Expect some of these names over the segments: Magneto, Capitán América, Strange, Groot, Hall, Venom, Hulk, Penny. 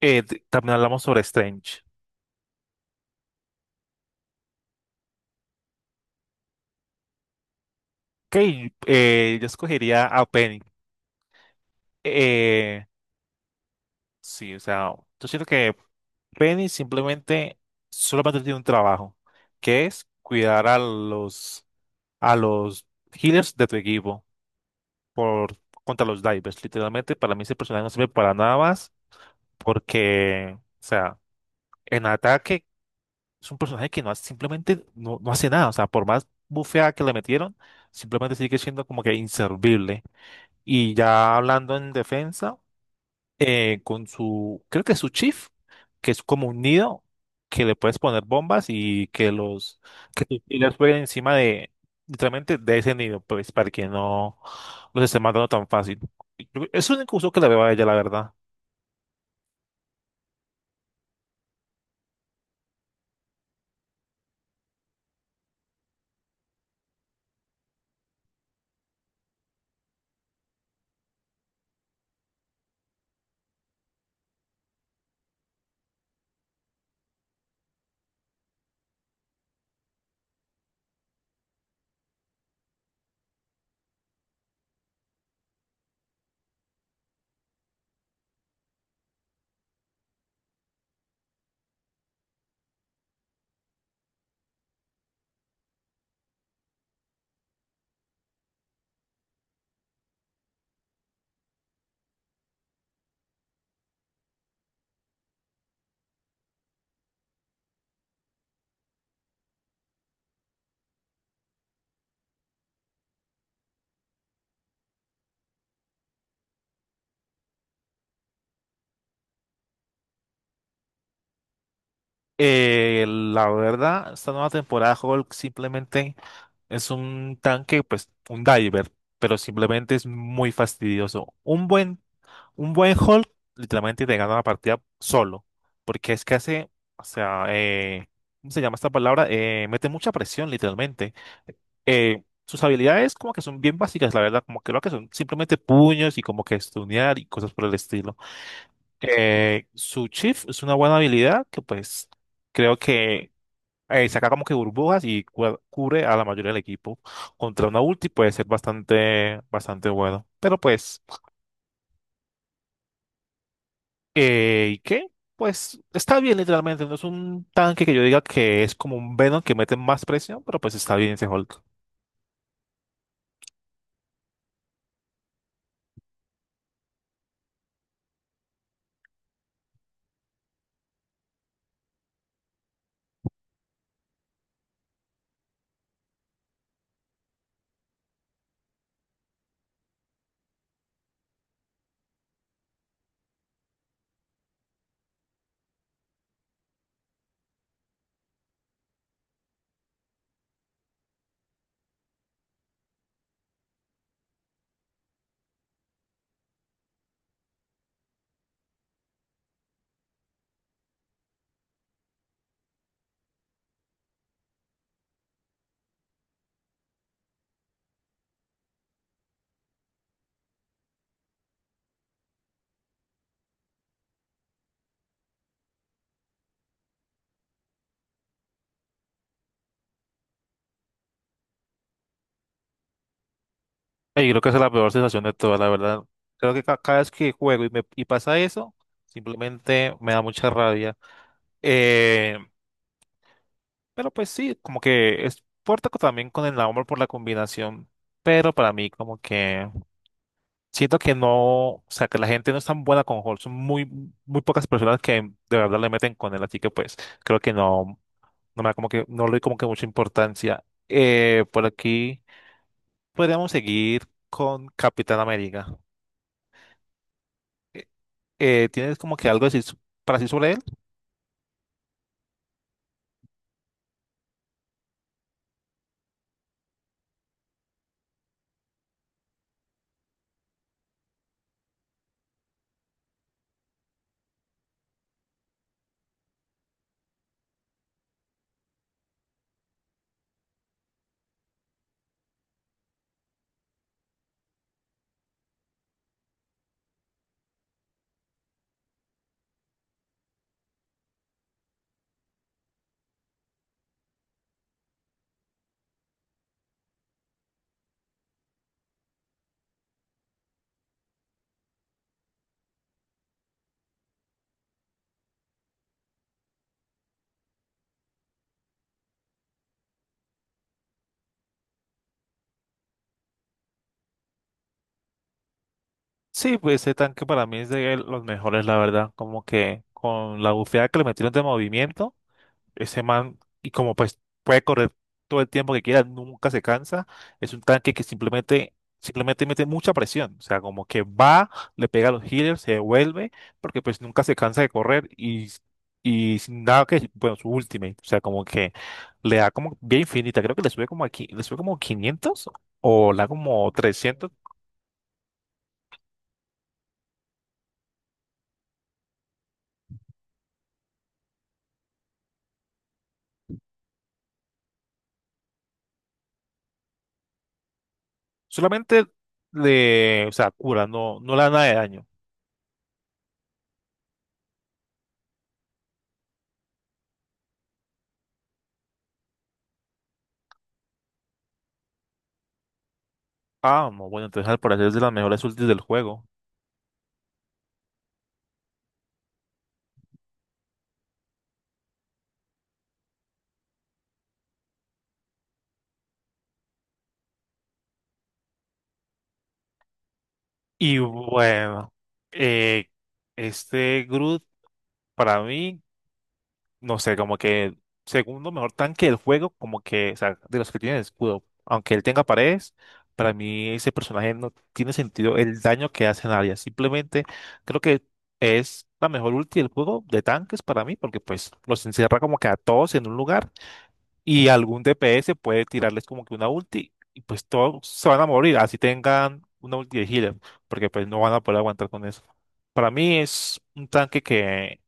También hablamos sobre Strange. Ok, yo escogería a Penny. Eh, sí, o sea, yo siento que Penny simplemente solamente tiene un trabajo, que es cuidar a los healers de tu equipo por contra los divers. Literalmente, para mí ese personaje no sirve para nada más, porque, o sea, en ataque es un personaje que simplemente no hace nada. O sea, por más bufeada que le metieron, simplemente sigue siendo como que inservible. Y ya hablando en defensa, con su, creo que su chief, que es como un nido, que le puedes poner bombas y que los killers jueguen encima de, literalmente, de ese nido, pues, para que no los esté matando tan fácil. Es un único uso que le veo a ella, la verdad. La verdad, esta nueva temporada de Hulk simplemente es un tanque, pues un diver, pero simplemente es muy fastidioso. Un buen hold literalmente te gana la partida solo, porque es que hace, o sea, ¿cómo se llama esta palabra? Mete mucha presión literalmente. Sus habilidades como que son bien básicas, la verdad, como que lo que son simplemente puños y como que stunear y cosas por el estilo. Su chief es una buena habilidad que pues creo que saca como que burbujas y cubre a la mayoría del equipo. Contra una ulti puede ser bastante, bastante bueno. Pero pues, ¿y qué? Pues está bien literalmente, no es un tanque que yo diga que es como un Venom que mete más presión, pero pues está bien ese Hulk. Y creo que esa es la peor sensación de todas, la verdad. Creo que cada vez que juego y, me, y pasa eso, simplemente me da mucha rabia. Eh, pero pues sí, como que es puerta también con el amor por la combinación. Pero para mí, como que siento que no, o sea, que la gente no es tan buena con Hall. Son muy, muy pocas personas que de verdad le meten con él. Así que pues creo que no me da como que, no le doy como que mucha importancia. Por aquí podríamos seguir con Capitán América. ¿Tienes como que algo decir para decir sobre él? Sí, pues ese tanque para mí es de los mejores, la verdad. Como que con la bufeada que le metieron de movimiento. Ese man, y como pues puede correr todo el tiempo que quiera, nunca se cansa. Es un tanque que simplemente mete mucha presión. O sea, como que va, le pega a los healers, se devuelve, porque pues nunca se cansa de correr y sin nada que, bueno, su ultimate. O sea, como que le da como bien infinita. Creo que le sube como aquí, le sube como 500 o le da como 300. Solamente le, o sea, cura, no le da nada de daño. Ah, no, bueno, entonces al parecer es de las mejores ultis del juego. Y bueno, eh, este Groot para mí, no sé, como que el segundo mejor tanque del juego, como que, o sea, de los que tienen escudo, aunque él tenga paredes, para mí ese personaje no tiene sentido el daño que hace en área. Simplemente creo que es la mejor ulti del juego de tanques para mí, porque pues los encierra como que a todos en un lugar y algún DPS puede tirarles como que una ulti y pues todos se van a morir, así tengan una ulti de healer, porque pues no van a poder aguantar con eso. Para mí es un tanque que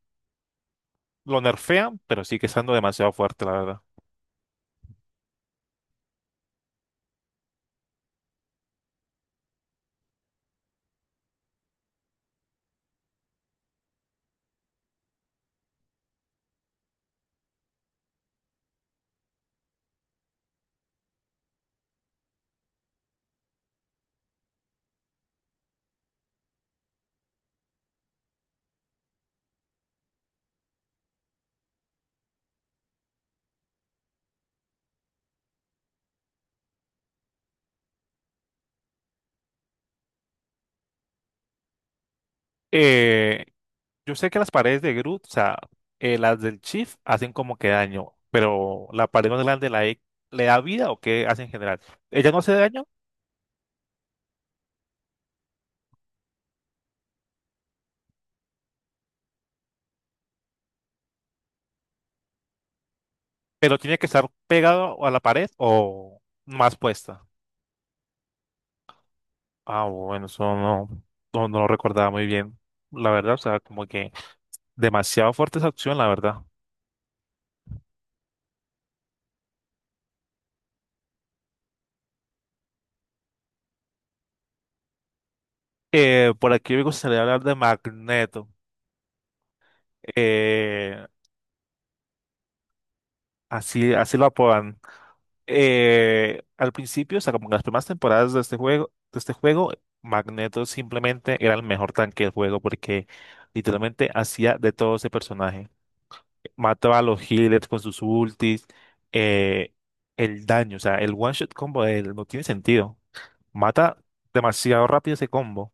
lo nerfean, pero sigue estando demasiado fuerte, la verdad. Eh, yo sé que las paredes de Groot, o sea, las del Chief hacen como que daño, pero la pared más grande, la E, ¿le da vida o qué hace en general? Ella no hace daño, pero tiene que estar pegado a la pared o más puesta. Ah, bueno, eso no, no, no lo recordaba muy bien, la verdad, o sea, como que demasiado fuerte esa opción, la verdad. Por aquí me a hablar de Magneto, eh, así, así lo apodan. Al principio, o sea, como en las primeras temporadas de este juego, Magneto simplemente era el mejor tanque del juego porque literalmente hacía de todo ese personaje. Mataba a los healers con sus ultis, eh, el daño, o sea, el one shot combo de él no tiene sentido. Mata demasiado rápido ese combo.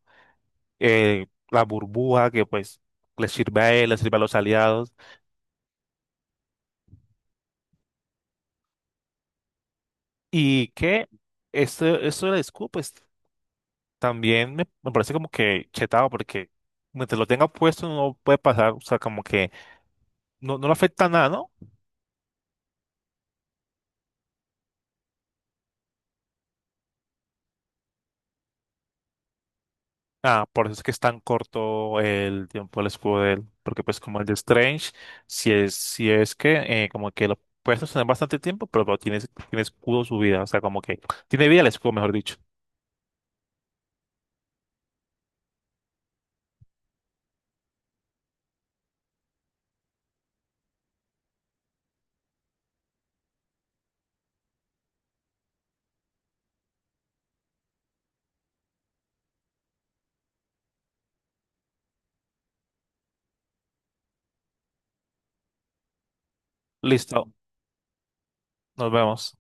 La burbuja que pues le sirve a él, le sirve a los aliados. Y que esto de la scoop pues también me parece como que chetado porque mientras lo tenga puesto no puede pasar, o sea, como que no le afecta nada, ¿no? Ah, por eso es que es tan corto el tiempo del escudo de él, porque pues como el de Strange, si es, si es que como que lo puedes sostener bastante tiempo, pero tiene, tiene escudo su vida, o sea, como que tiene vida el escudo, mejor dicho. Listo. Nos vemos.